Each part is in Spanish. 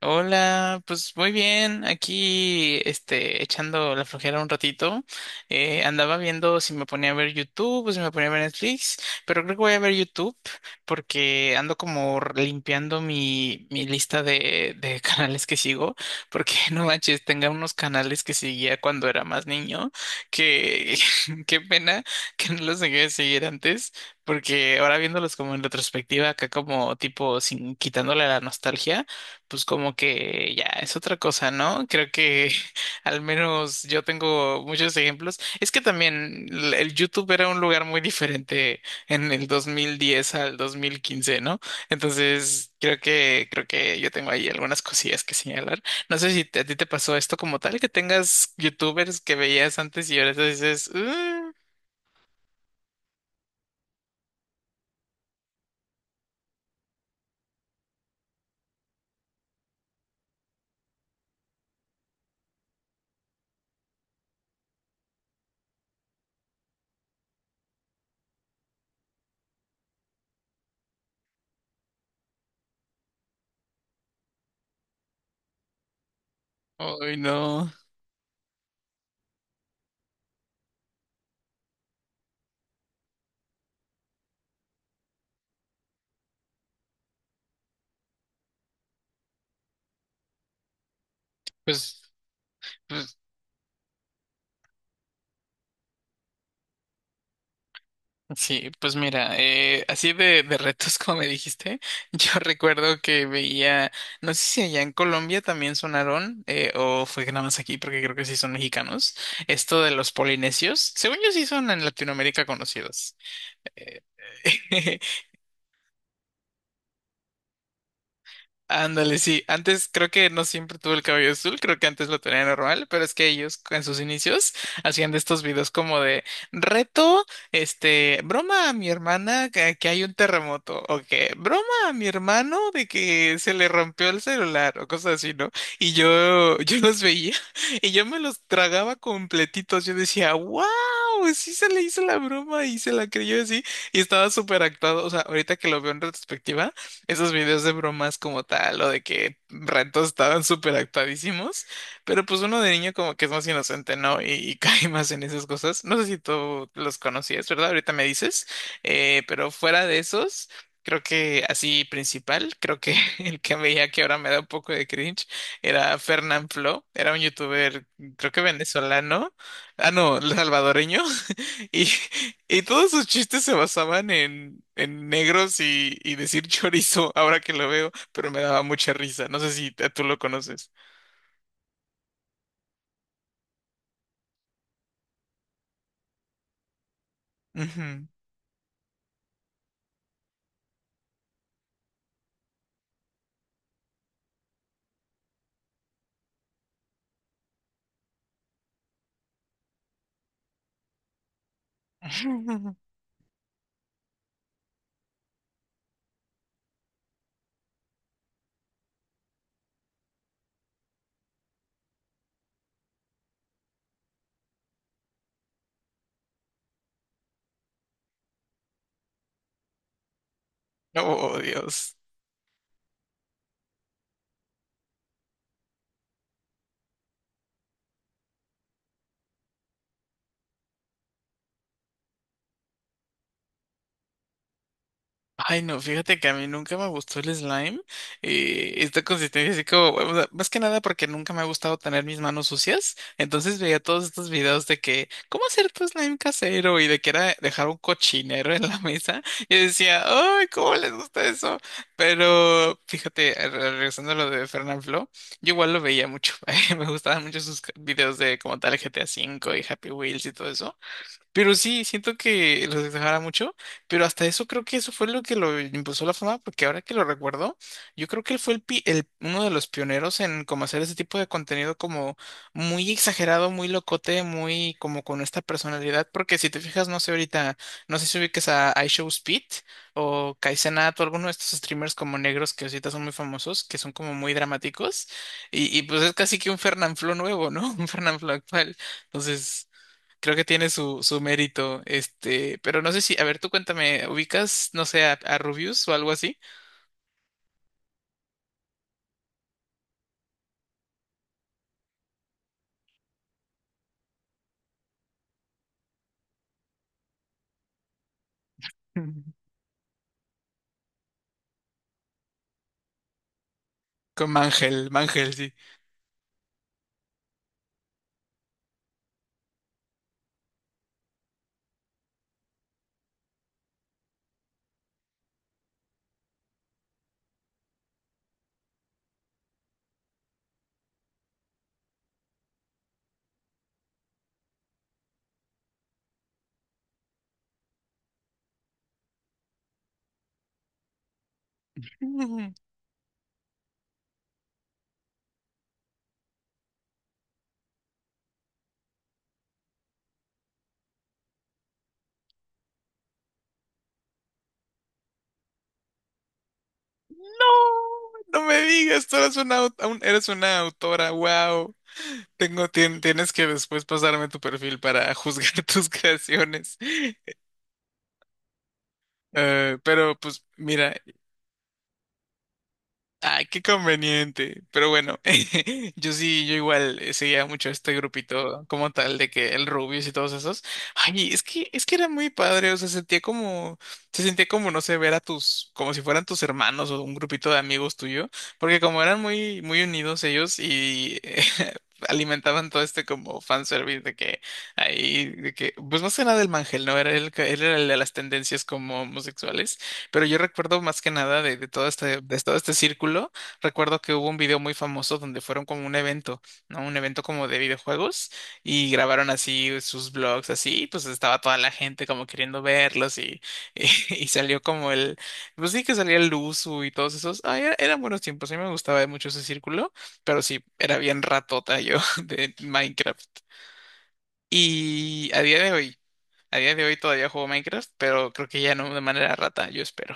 Hola, pues muy bien, aquí echando la flojera un ratito. Andaba viendo si me ponía a ver YouTube o si me ponía a ver Netflix, pero creo que voy a ver YouTube porque ando como limpiando mi lista de canales que sigo, porque no manches, tenga unos canales que seguía cuando era más niño, que qué pena que no los dejé de seguir antes. Porque ahora viéndolos como en retrospectiva, acá como tipo sin quitándole la nostalgia, pues como que ya es otra cosa, ¿no? Creo que al menos yo tengo muchos ejemplos. Es que también el YouTube era un lugar muy diferente en el 2010 al 2015, ¿no? Entonces, creo que yo tengo ahí algunas cosillas que señalar. No sé si a ti te pasó esto como tal, que tengas YouTubers que veías antes y ahora te dices, ay, no." Pues sí, pues mira, así de retos como me dijiste, yo recuerdo que veía, no sé si allá en Colombia también sonaron, o fue que nada más aquí, porque creo que sí son mexicanos, esto de los polinesios, según yo sí son en Latinoamérica conocidos. Eh, Ándale, sí. Antes creo que no siempre tuvo el cabello azul, creo que antes lo tenía normal, pero es que ellos en sus inicios hacían de estos videos como de reto, broma a mi hermana que hay un terremoto, o que broma a mi hermano de que se le rompió el celular, o cosas así, ¿no? Y yo, yo los veía y yo me los tragaba completitos. Yo decía, wow, sí se le hizo la broma y se la creyó así, y estaba súper actuado. O sea, ahorita que lo veo en retrospectiva esos videos de bromas como tal, o de que retos estaban súper actuadísimos, pero pues uno de niño como que es más inocente, ¿no? Y cae más en esas cosas. No sé si tú los conocías, ¿verdad? Ahorita me dices, pero fuera de esos, creo que así principal, creo que el que veía que ahora me da un poco de cringe era Fernán Flo, era un youtuber, creo que venezolano, ah, no, salvadoreño. Y y todos sus chistes se basaban en negros y decir chorizo, ahora que lo veo, pero me daba mucha risa. No sé si tú lo conoces. Ujú. Oh, Dios. Ay, no, fíjate que a mí nunca me gustó el slime. Esta consistencia así como, o sea, más que nada porque nunca me ha gustado tener mis manos sucias. Entonces veía todos estos videos de que, ¿cómo hacer tu slime casero? Y de que era dejar un cochinero en la mesa. Y decía, ay, ¿cómo les gusta eso? Pero fíjate, regresando a lo de Fernanfloo, yo igual lo veía mucho. Me gustaban mucho sus videos de como tal GTA 5 y Happy Wheels y todo eso. Pero sí, siento que los exagera mucho, pero hasta eso creo que eso fue lo que lo impulsó a la fama, porque ahora que lo recuerdo, yo creo que él fue uno de los pioneros en como hacer ese tipo de contenido como muy exagerado, muy locote, muy como con esta personalidad, porque si te fijas, no sé ahorita, no sé si ubiques a iShowSpeed o Kaizenat o alguno de estos streamers como negros que ahorita son muy famosos, que son como muy dramáticos, y pues es casi que un Fernanfloo nuevo, ¿no? Un Fernanfloo actual, entonces... Creo que tiene su mérito, pero no sé si, a ver, tú cuéntame, ¿ubicas, no sé, a, Rubius o algo así? Con Mangel, Mangel, sí. Mm. No, no me digas, tú eres eres una autora, wow. Tienes que después pasarme tu perfil para juzgar tus creaciones. Pero pues mira, ay, qué conveniente. Pero bueno, yo sí, yo igual seguía mucho este grupito como tal de que el Rubius y todos esos. Ay, es que era muy padre, o sea, sentía como se sentía como no sé, ver a tus como si fueran tus hermanos o un grupito de amigos tuyo, porque como eran muy muy unidos ellos y alimentaban todo este como fanservice de que ahí de que pues más que nada del Mangel, ¿no? Era él era el de las tendencias como homosexuales. Pero yo recuerdo más que nada de todo este círculo, recuerdo que hubo un video muy famoso donde fueron como un evento, ¿no? Un evento como de videojuegos y grabaron así sus vlogs, así, y pues estaba toda la gente como queriendo verlos y, salió como el, pues sí que salía el Luzu y todos esos, ah, eran buenos tiempos, a mí me gustaba mucho ese círculo, pero sí, era bien ratota yo de Minecraft. Y a día de hoy, a día de hoy todavía juego Minecraft, pero creo que ya no de manera rata, yo espero.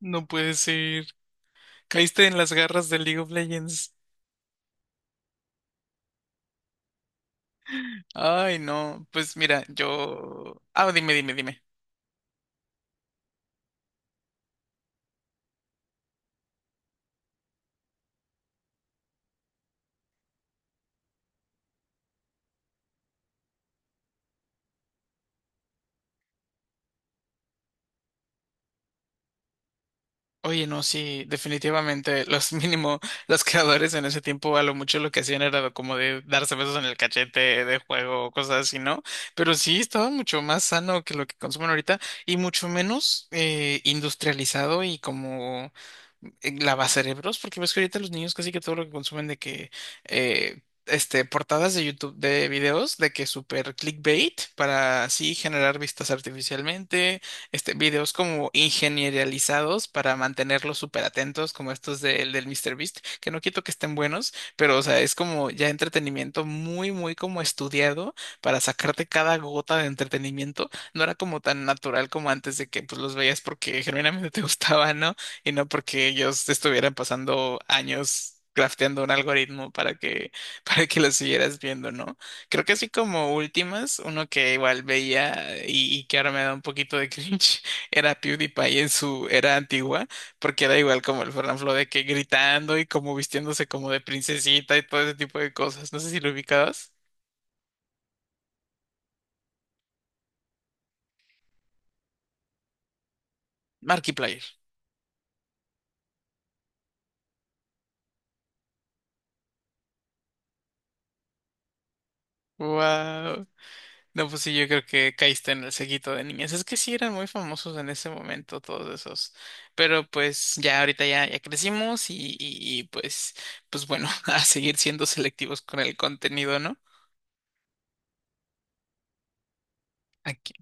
No puede ser. Caíste en las garras de League of Legends. Ay, no. Pues mira, yo. Ah, dime, dime, dime. Oye, no, sí, definitivamente los mínimo, los creadores en ese tiempo a lo mucho lo que hacían era como de darse besos en el cachete de juego, cosas así, ¿no? Pero sí, estaba mucho más sano que lo que consumen ahorita y mucho menos industrializado y como lavacerebros, porque ves que ahorita los niños casi que todo lo que consumen de que, portadas de YouTube de videos de que super clickbait para así generar vistas artificialmente videos como ingenierializados para mantenerlos súper atentos, como estos del míster Beast que no quito que estén buenos, pero o sea, es como ya entretenimiento muy, muy como estudiado para sacarte cada gota de entretenimiento. No era como tan natural como antes de que pues los veías porque genuinamente te gustaba, ¿no? Y no porque ellos estuvieran pasando años crafteando un algoritmo para que, para que lo siguieras viendo, ¿no? Creo que así como últimas, uno que igual veía y que ahora me da un poquito de cringe, era PewDiePie en su era antigua, porque era igual como el Fernanfloo de que gritando y como vistiéndose como de princesita y todo ese tipo de cosas. No sé si lo ubicabas. Markiplier. Wow. No, pues sí, yo creo que caíste en el seguito de niñas. Es que sí eran muy famosos en ese momento todos esos. Pero pues ya ahorita ya crecimos y pues bueno, a seguir siendo selectivos con el contenido, ¿no? Aquí.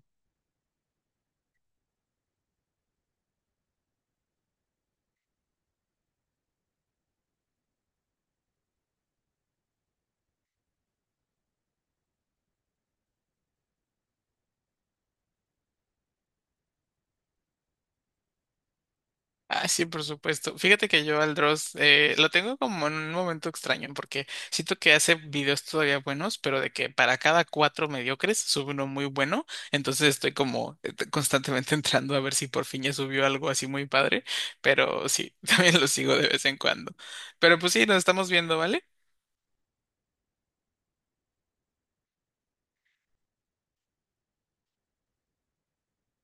Ah, sí, por supuesto. Fíjate que yo al Dross lo tengo como en un momento extraño porque siento que hace videos todavía buenos, pero de que para cada cuatro mediocres sube uno muy bueno. Entonces estoy como constantemente entrando a ver si por fin ya subió algo así muy padre. Pero sí, también lo sigo de vez en cuando. Pero pues sí, nos estamos viendo, ¿vale?